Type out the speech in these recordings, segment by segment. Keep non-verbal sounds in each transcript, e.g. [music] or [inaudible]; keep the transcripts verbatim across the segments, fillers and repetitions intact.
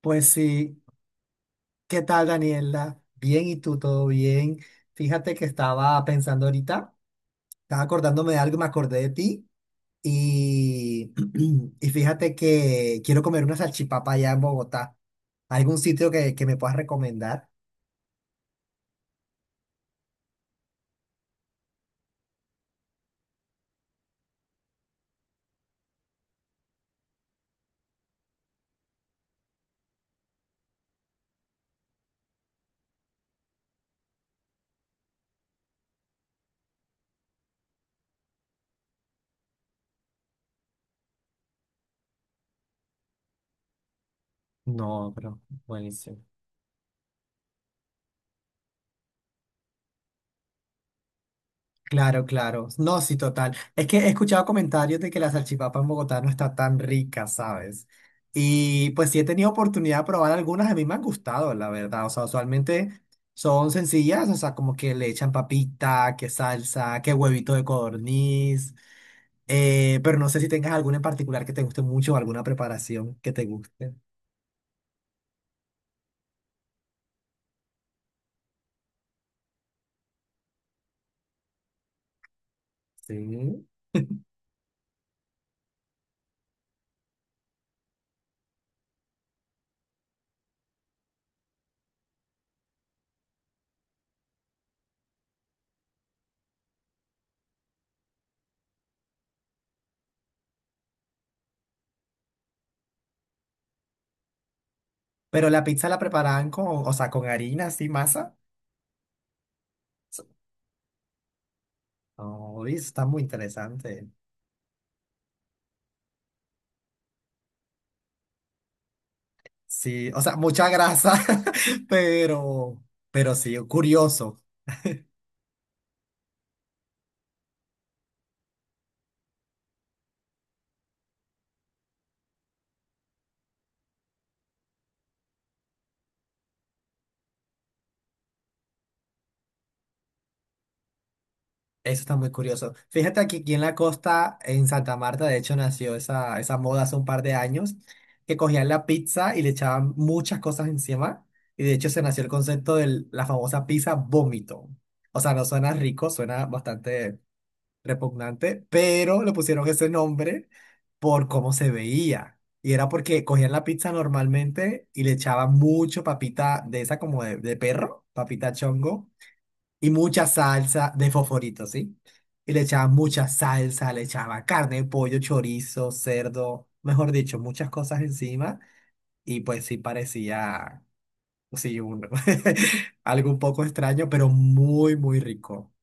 Pues sí, ¿qué tal Daniela? Bien, ¿y tú todo bien? Fíjate que estaba pensando ahorita, estaba acordándome de algo, me acordé de ti y, [clears throat] y fíjate que quiero comer una salchipapa allá en Bogotá. ¿Algún sitio que, que me puedas recomendar? No, pero buenísimo. Claro, claro. No, sí, total. Es que he escuchado comentarios de que la salchipapa en Bogotá no está tan rica, ¿sabes? Y pues sí he tenido oportunidad de probar algunas, a mí me han gustado, la verdad. O sea, usualmente son sencillas, o sea, como que le echan papita, que salsa, que huevito de codorniz. Eh, pero no sé si tengas alguna en particular que te guste mucho o alguna preparación que te guste. Sí. Pero la pizza la preparaban con, o sea, con harina, así, masa. Oh, y eso está muy interesante. Sí, o sea, mucha grasa, [laughs] pero, pero sí, curioso. Eso está muy curioso. Fíjate aquí, aquí en la costa, en Santa Marta, de hecho, nació esa, esa moda hace un par de años, que cogían la pizza y le echaban muchas cosas encima. Y de hecho, se nació el concepto de la famosa pizza vómito. O sea, no suena rico, suena bastante repugnante, pero le pusieron ese nombre por cómo se veía. Y era porque cogían la pizza normalmente y le echaban mucho papita de esa como de, de perro, papita chongo, y mucha salsa de fosforito, ¿sí? Y le echaban mucha salsa, le echaban carne, pollo, chorizo, cerdo, mejor dicho, muchas cosas encima. Y pues sí parecía, sí, un- [laughs] algo un poco extraño, pero muy, muy rico.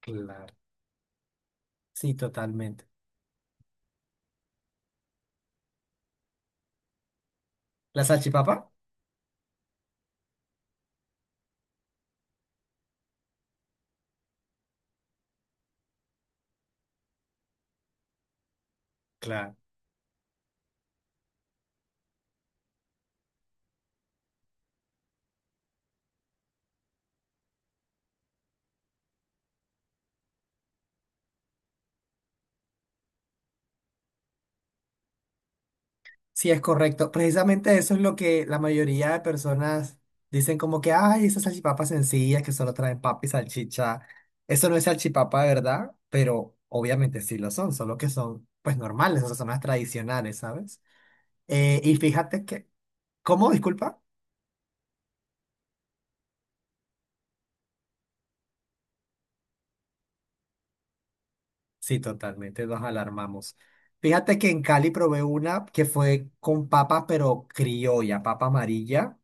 Claro, sí, totalmente. ¿La salchipapa? Claro. Sí, es correcto. Precisamente eso es lo que la mayoría de personas dicen como que, ay, esas salchipapas sencillas que solo traen papa y salchicha. Eso no es salchipapa, de ¿verdad? Pero obviamente sí lo son, solo que son pues normales, o sea, son las tradicionales, ¿sabes? Eh, y fíjate que, ¿cómo? Disculpa. Sí, totalmente, nos alarmamos. Fíjate que en Cali probé una que fue con papa, pero criolla, papa amarilla.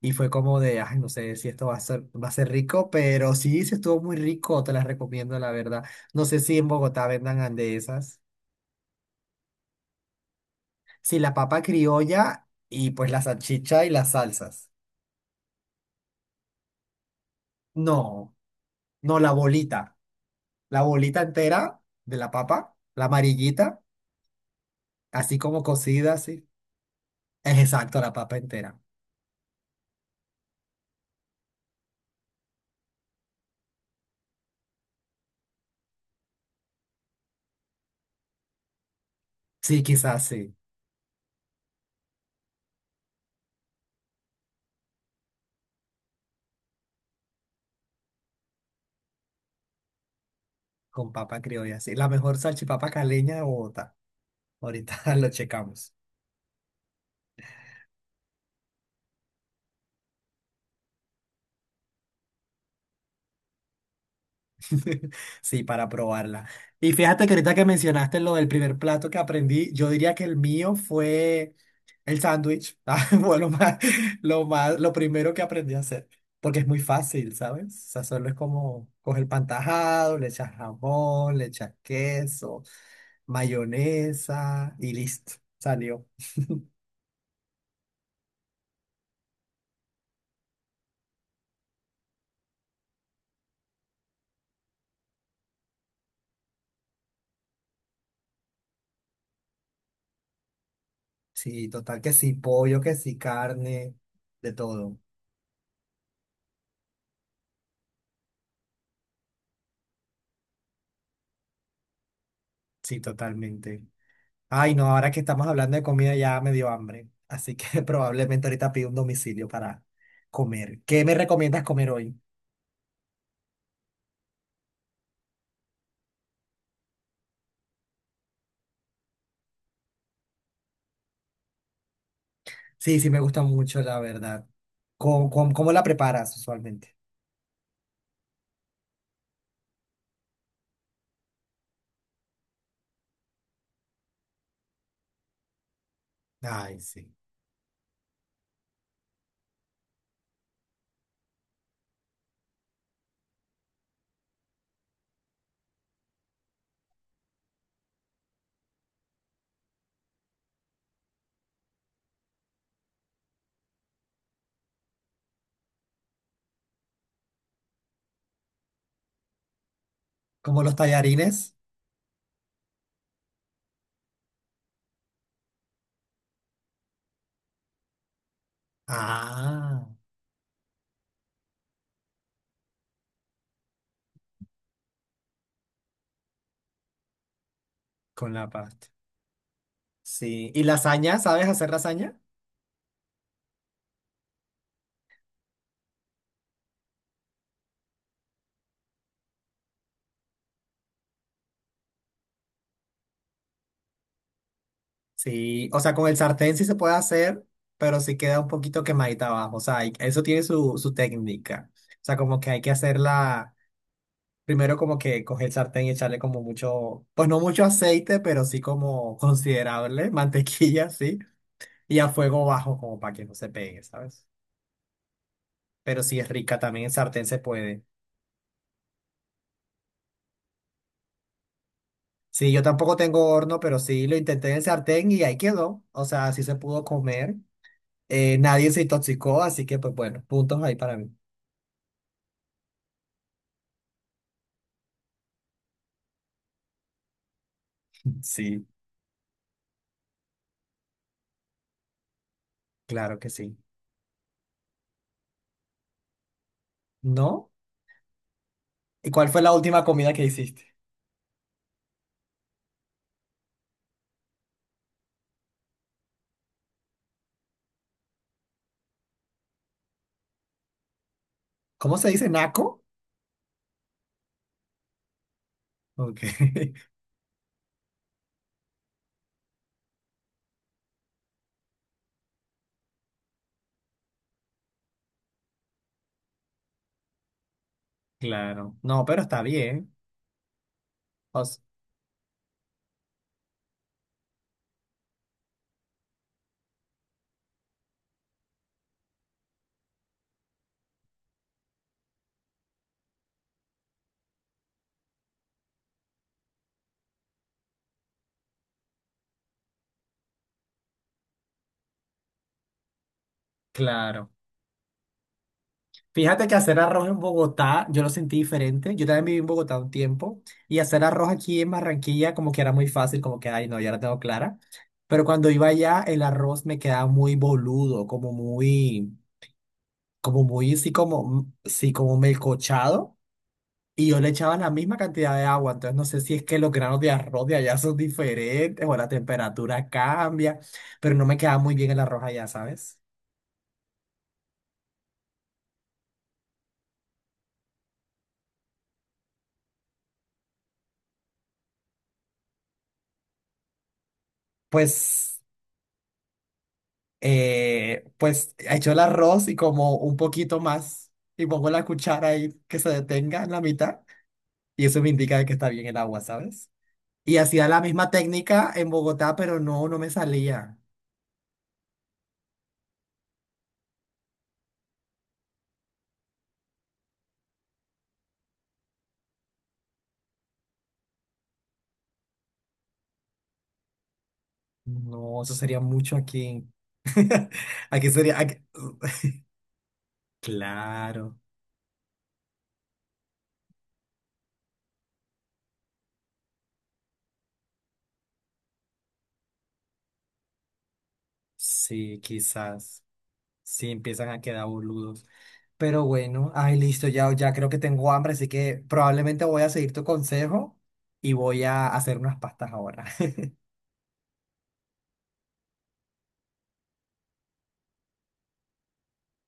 Y fue como de, ay, no sé si esto va a ser, va a ser rico, pero sí, sí estuvo muy rico, te las recomiendo, la verdad. No sé si en Bogotá vendan andesas. Sí, la papa criolla y pues la salchicha y las salsas. No, no, la bolita. La bolita entera de la papa, la amarillita, así como cocida, así. Es exacto, la papa entera. Sí, quizás sí, con papa criolla, sí. La mejor salchipapa caleña de Bogotá. Ahorita [laughs] lo checamos. [laughs] Sí, para probarla. Y fíjate que ahorita que mencionaste lo del primer plato que aprendí, yo diría que el mío fue el sándwich. [laughs] Ah, fue lo más, lo más, lo primero que aprendí a hacer, porque es muy fácil, ¿sabes? O sea, solo es como coger pan tajado, le echas jamón, le echas queso, mayonesa y listo, salió. Sí, total que sí, pollo, que sí, carne, de todo. Sí, totalmente. Ay, no, ahora que estamos hablando de comida ya me dio hambre. Así que [laughs] probablemente ahorita pido un domicilio para comer. ¿Qué me recomiendas comer hoy? Sí, sí, me gusta mucho, la verdad. ¿Cómo, cómo, cómo la preparas usualmente? Ay, sí. ¿Como los tallarines? Ah, con la pasta. Sí. ¿Y lasaña? ¿Sabes hacer lasaña? Sí, o sea, con el sartén sí se puede hacer, pero sí queda un poquito quemadita abajo. O sea, hay- eso tiene su, su técnica. O sea, como que hay que hacerla. Primero como que coger el sartén y echarle como mucho, pues no mucho aceite, pero sí como considerable, [laughs] mantequilla, sí, y a fuego bajo como para que no se pegue, ¿sabes? Pero sí es rica, también en sartén se puede. Sí, yo tampoco tengo horno, pero sí lo intenté en el sartén y ahí quedó, o sea, sí se pudo comer. Eh, nadie se intoxicó, así que pues bueno, puntos ahí para mí. Sí, claro que sí. ¿No? ¿Y cuál fue la última comida que hiciste? ¿Cómo se dice naco? Ok, [laughs] claro. No, pero está bien. O Claro. Fíjate que hacer arroz en Bogotá, yo lo sentí diferente. Yo también viví en Bogotá un tiempo y hacer arroz aquí en Barranquilla como que era muy fácil, como que, ay, no, ya la tengo clara. Pero cuando iba allá, el arroz me quedaba muy boludo, como muy, como muy, sí, como, sí, como melcochado. Y yo le echaba la misma cantidad de agua. Entonces no sé si es que los granos de arroz de allá son diferentes o la temperatura cambia, pero no me quedaba muy bien el arroz allá, ¿sabes? Pues... eh, pues echo el arroz y como un poquito más y pongo la cuchara ahí que se detenga en la mitad y eso me indica de que está bien el agua, ¿sabes? Y hacía la misma técnica en Bogotá, pero no, no me salía. No, eso sería mucho aquí. [laughs] Aquí sería... aquí- [laughs] Claro, sí, quizás. Sí, empiezan a quedar boludos. Pero bueno, ay, listo, ya, ya creo que tengo hambre, así que probablemente voy a seguir tu consejo y voy a hacer unas pastas ahora. [laughs]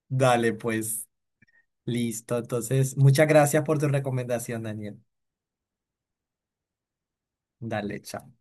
Dale, pues, listo. Entonces, muchas gracias por tu recomendación, Daniel. Dale, chao.